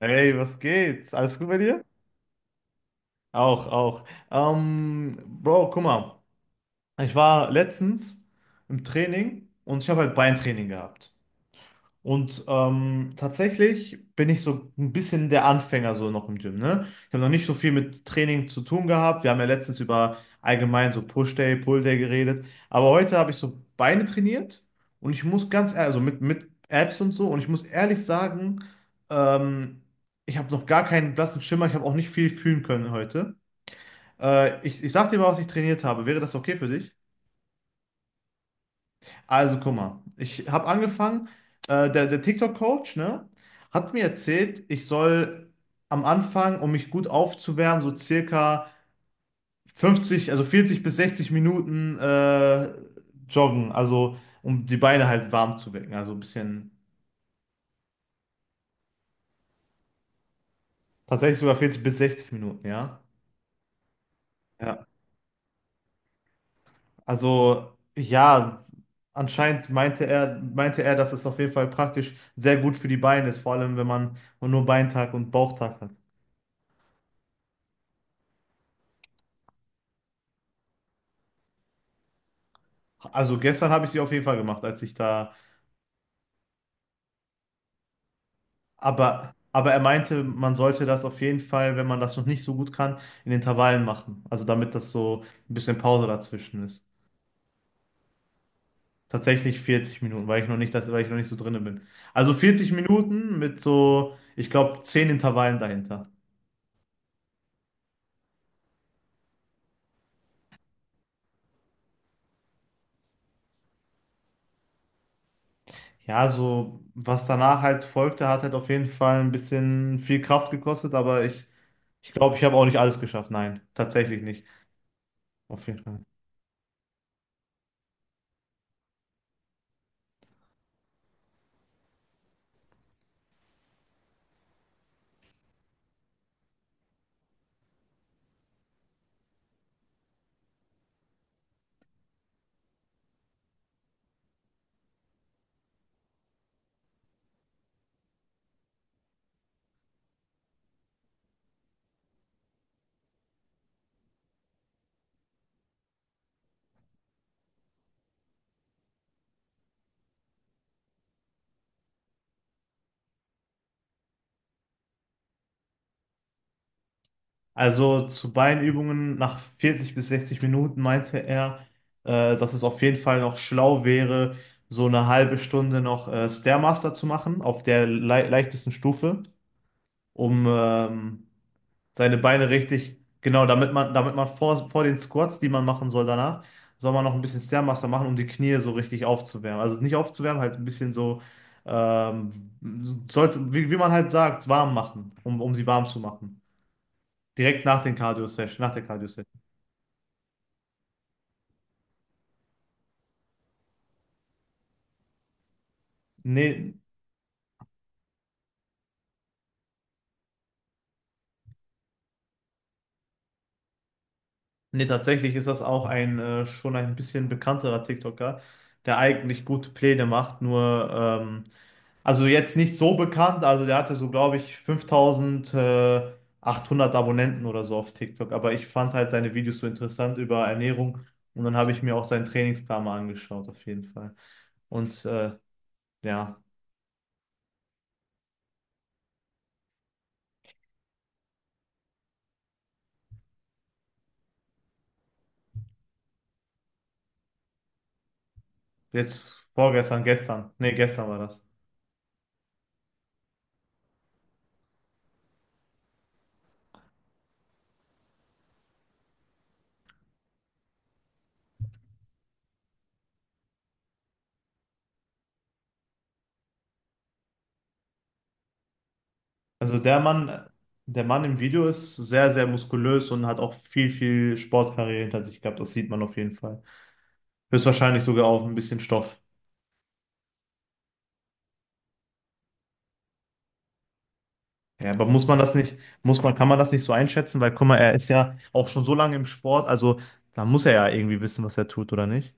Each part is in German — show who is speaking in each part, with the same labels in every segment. Speaker 1: Hey, was geht's? Alles gut bei dir? Auch, auch. Bro, guck mal. Ich war letztens im Training und ich habe halt Beintraining gehabt. Und tatsächlich bin ich so ein bisschen der Anfänger so noch im Gym, ne? Ich habe noch nicht so viel mit Training zu tun gehabt. Wir haben ja letztens über allgemein so Push-Day, Pull-Day geredet. Aber heute habe ich so Beine trainiert und ich muss ganz ehrlich, also mit Abs und so, und ich muss ehrlich sagen, ähm, ich habe noch gar keinen blassen Schimmer. Ich habe auch nicht viel fühlen können heute. Ich sag dir mal, was ich trainiert habe. Wäre das okay für dich? Also, guck mal, ich habe angefangen, der TikTok-Coach, ne, hat mir erzählt, ich soll am Anfang, um mich gut aufzuwärmen, so circa 50, also 40 bis 60 Minuten joggen, also um die Beine halt warm zu wecken, also ein bisschen, tatsächlich sogar 40 bis 60 Minuten, ja. Ja. Also, ja, anscheinend meinte er, dass es auf jeden Fall praktisch sehr gut für die Beine ist, vor allem wenn man nur Beintag und Bauchtag hat. Also gestern habe ich sie auf jeden Fall gemacht, als ich da. Aber er meinte, man sollte das auf jeden Fall, wenn man das noch nicht so gut kann, in Intervallen machen. Also damit das so ein bisschen Pause dazwischen ist. Tatsächlich 40 Minuten, weil ich noch nicht, das, weil ich noch nicht so drin bin. Also 40 Minuten mit so, ich glaube, 10 Intervallen dahinter. Ja, so was danach halt folgte, hat halt auf jeden Fall ein bisschen viel Kraft gekostet, aber ich glaube, ich habe auch nicht alles geschafft. Nein, tatsächlich nicht. Auf jeden Fall. Also zu Beinübungen nach 40 bis 60 Minuten meinte er, dass es auf jeden Fall noch schlau wäre, so eine halbe Stunde noch Stairmaster zu machen, auf der lei leichtesten Stufe, um seine Beine richtig, genau, damit man vor, vor den Squats, die man machen soll danach, soll man noch ein bisschen Stairmaster machen, um die Knie so richtig aufzuwärmen. Also nicht aufzuwärmen, halt ein bisschen so, ähm, sollte, wie, wie man halt sagt, warm machen, um, um sie warm zu machen. Direkt nach den Cardio-Session, nach der Cardio-Session. Nee, nee, tatsächlich ist das auch ein schon ein bisschen bekannterer TikToker, der eigentlich gute Pläne macht, nur also jetzt nicht so bekannt, also der hatte so, glaube ich, 5.800 Abonnenten oder so auf TikTok, aber ich fand halt seine Videos so interessant über Ernährung und dann habe ich mir auch seinen Trainingsplan mal angeschaut, auf jeden Fall. Und ja, jetzt vorgestern, gestern, nee, gestern war das. Also der Mann im Video ist sehr, sehr muskulös und hat auch viel, viel Sportkarriere hinter sich gehabt. Das sieht man auf jeden Fall. Höchstwahrscheinlich sogar auf ein bisschen Stoff. Ja, aber muss man das nicht, muss man, kann man das nicht so einschätzen? Weil, guck mal, er ist ja auch schon so lange im Sport, also da muss er ja irgendwie wissen, was er tut, oder nicht?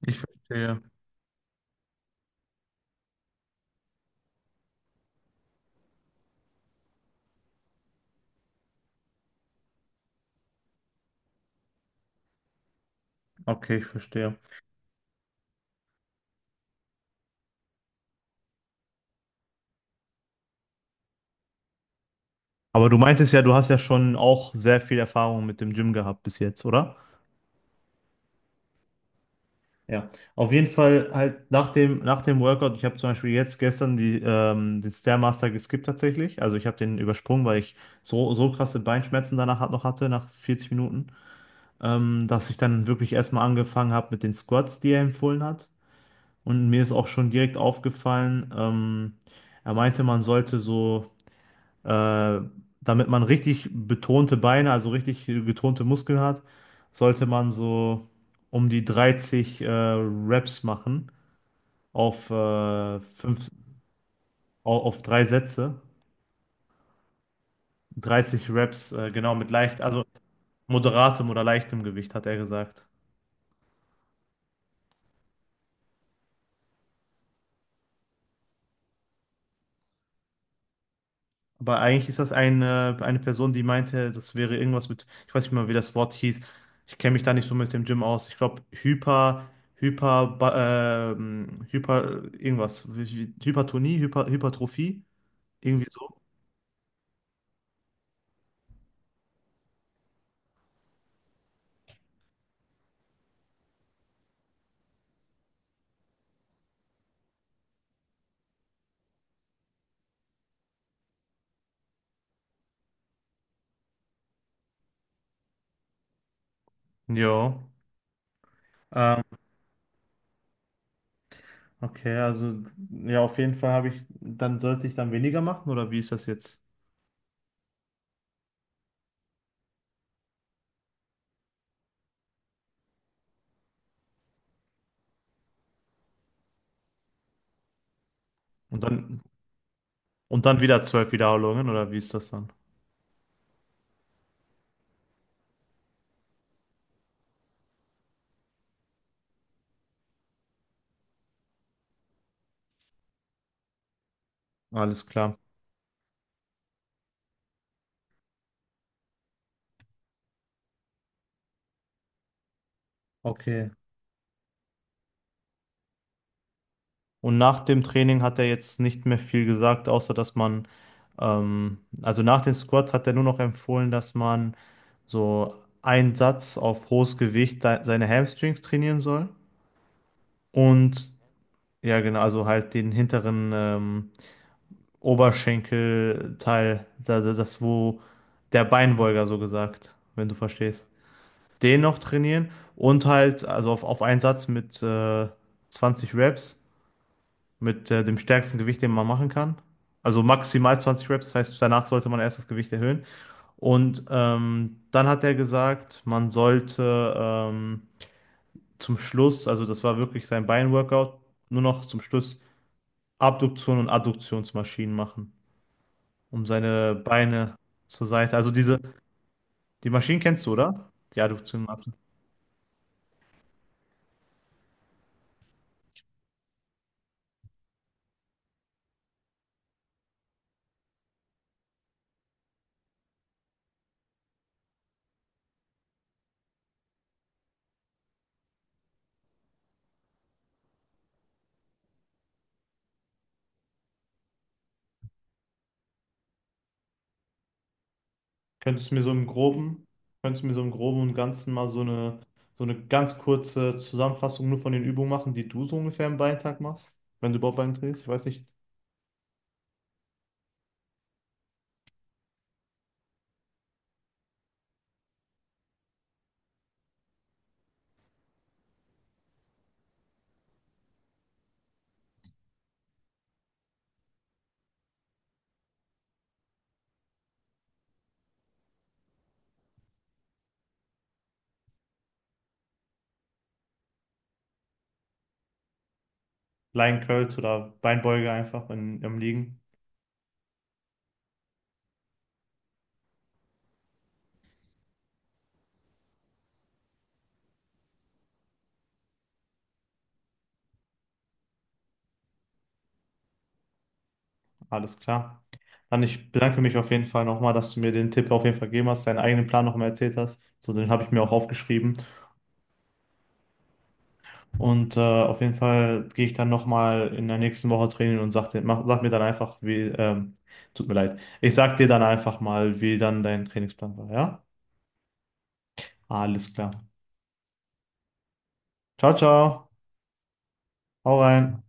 Speaker 1: Ich verstehe. Okay, ich verstehe. Aber du meintest ja, du hast ja schon auch sehr viel Erfahrung mit dem Gym gehabt bis jetzt, oder? Ja, auf jeden Fall halt nach dem Workout, ich habe zum Beispiel jetzt gestern die, den Stairmaster geskippt tatsächlich. Also ich habe den übersprungen, weil ich so, so krasse Beinschmerzen danach hat- noch hatte, nach 40 Minuten, dass ich dann wirklich erstmal angefangen habe mit den Squats, die er empfohlen hat. Und mir ist auch schon direkt aufgefallen, er meinte, man sollte so, äh, damit man richtig betonte Beine, also richtig getonte Muskeln hat, sollte man so um die 30 Reps machen auf, fünf, au- auf drei Sätze, 30 Reps, genau mit leicht, also moderatem oder leichtem Gewicht, hat er gesagt. Aber eigentlich ist das eine Person, die meinte, das wäre irgendwas mit, ich weiß nicht mal, wie das Wort hieß. Ich kenne mich da nicht so mit dem Gym aus. Ich glaube, Hyper, Hyper, ba- Hyper, irgendwas. Wie- wie- Hypertonie, Hyper, Hypertrophie, irgendwie so. Jo. Ähm, okay, also ja, auf jeden Fall habe ich, dann sollte ich dann weniger machen oder wie ist das jetzt? Und dann, und dann wieder 12 Wiederholungen, oder wie ist das dann? Alles klar. Okay. Und nach dem Training hat er jetzt nicht mehr viel gesagt, außer dass man, also nach den Squats hat er nur noch empfohlen, dass man so einen Satz auf hohes Gewicht de- seine Hamstrings trainieren soll. Und ja, genau, also halt den hinteren Oberschenkelteil, das, das, wo der Beinbeuger so gesagt, wenn du verstehst. Den noch trainieren und halt, also auf einen Satz mit 20 Reps, mit dem stärksten Gewicht, den man machen kann. Also maximal 20 Reps, das heißt, danach sollte man erst das Gewicht erhöhen. Und dann hat er gesagt, man sollte zum Schluss, also das war wirklich sein Beinworkout, nur noch zum Schluss Abduktion und Adduktionsmaschinen machen, um seine Beine zur Seite. Also diese, die Maschinen kennst du, oder? Die Adduktion. Könntest du mir so im Groben, könntest du mir so im Groben und Ganzen mal so eine ganz kurze Zusammenfassung nur von den Übungen machen, die du so ungefähr im Beintag machst, wenn du überhaupt Bein drehst? Ich weiß nicht, Lion Curls oder Beinbeuge einfach in, im Liegen. Alles klar. Dann ich bedanke mich auf jeden Fall nochmal, dass du mir den Tipp auf jeden Fall gegeben hast, deinen eigenen Plan nochmal erzählt hast. So, den habe ich mir auch aufgeschrieben. Und auf jeden Fall gehe ich dann nochmal in der nächsten Woche trainieren und sag, dir, mach, sag mir dann einfach, wie, tut mir leid, ich sag dir dann einfach mal, wie dann dein Trainingsplan war, ja? Alles klar. Ciao, ciao. Hau rein.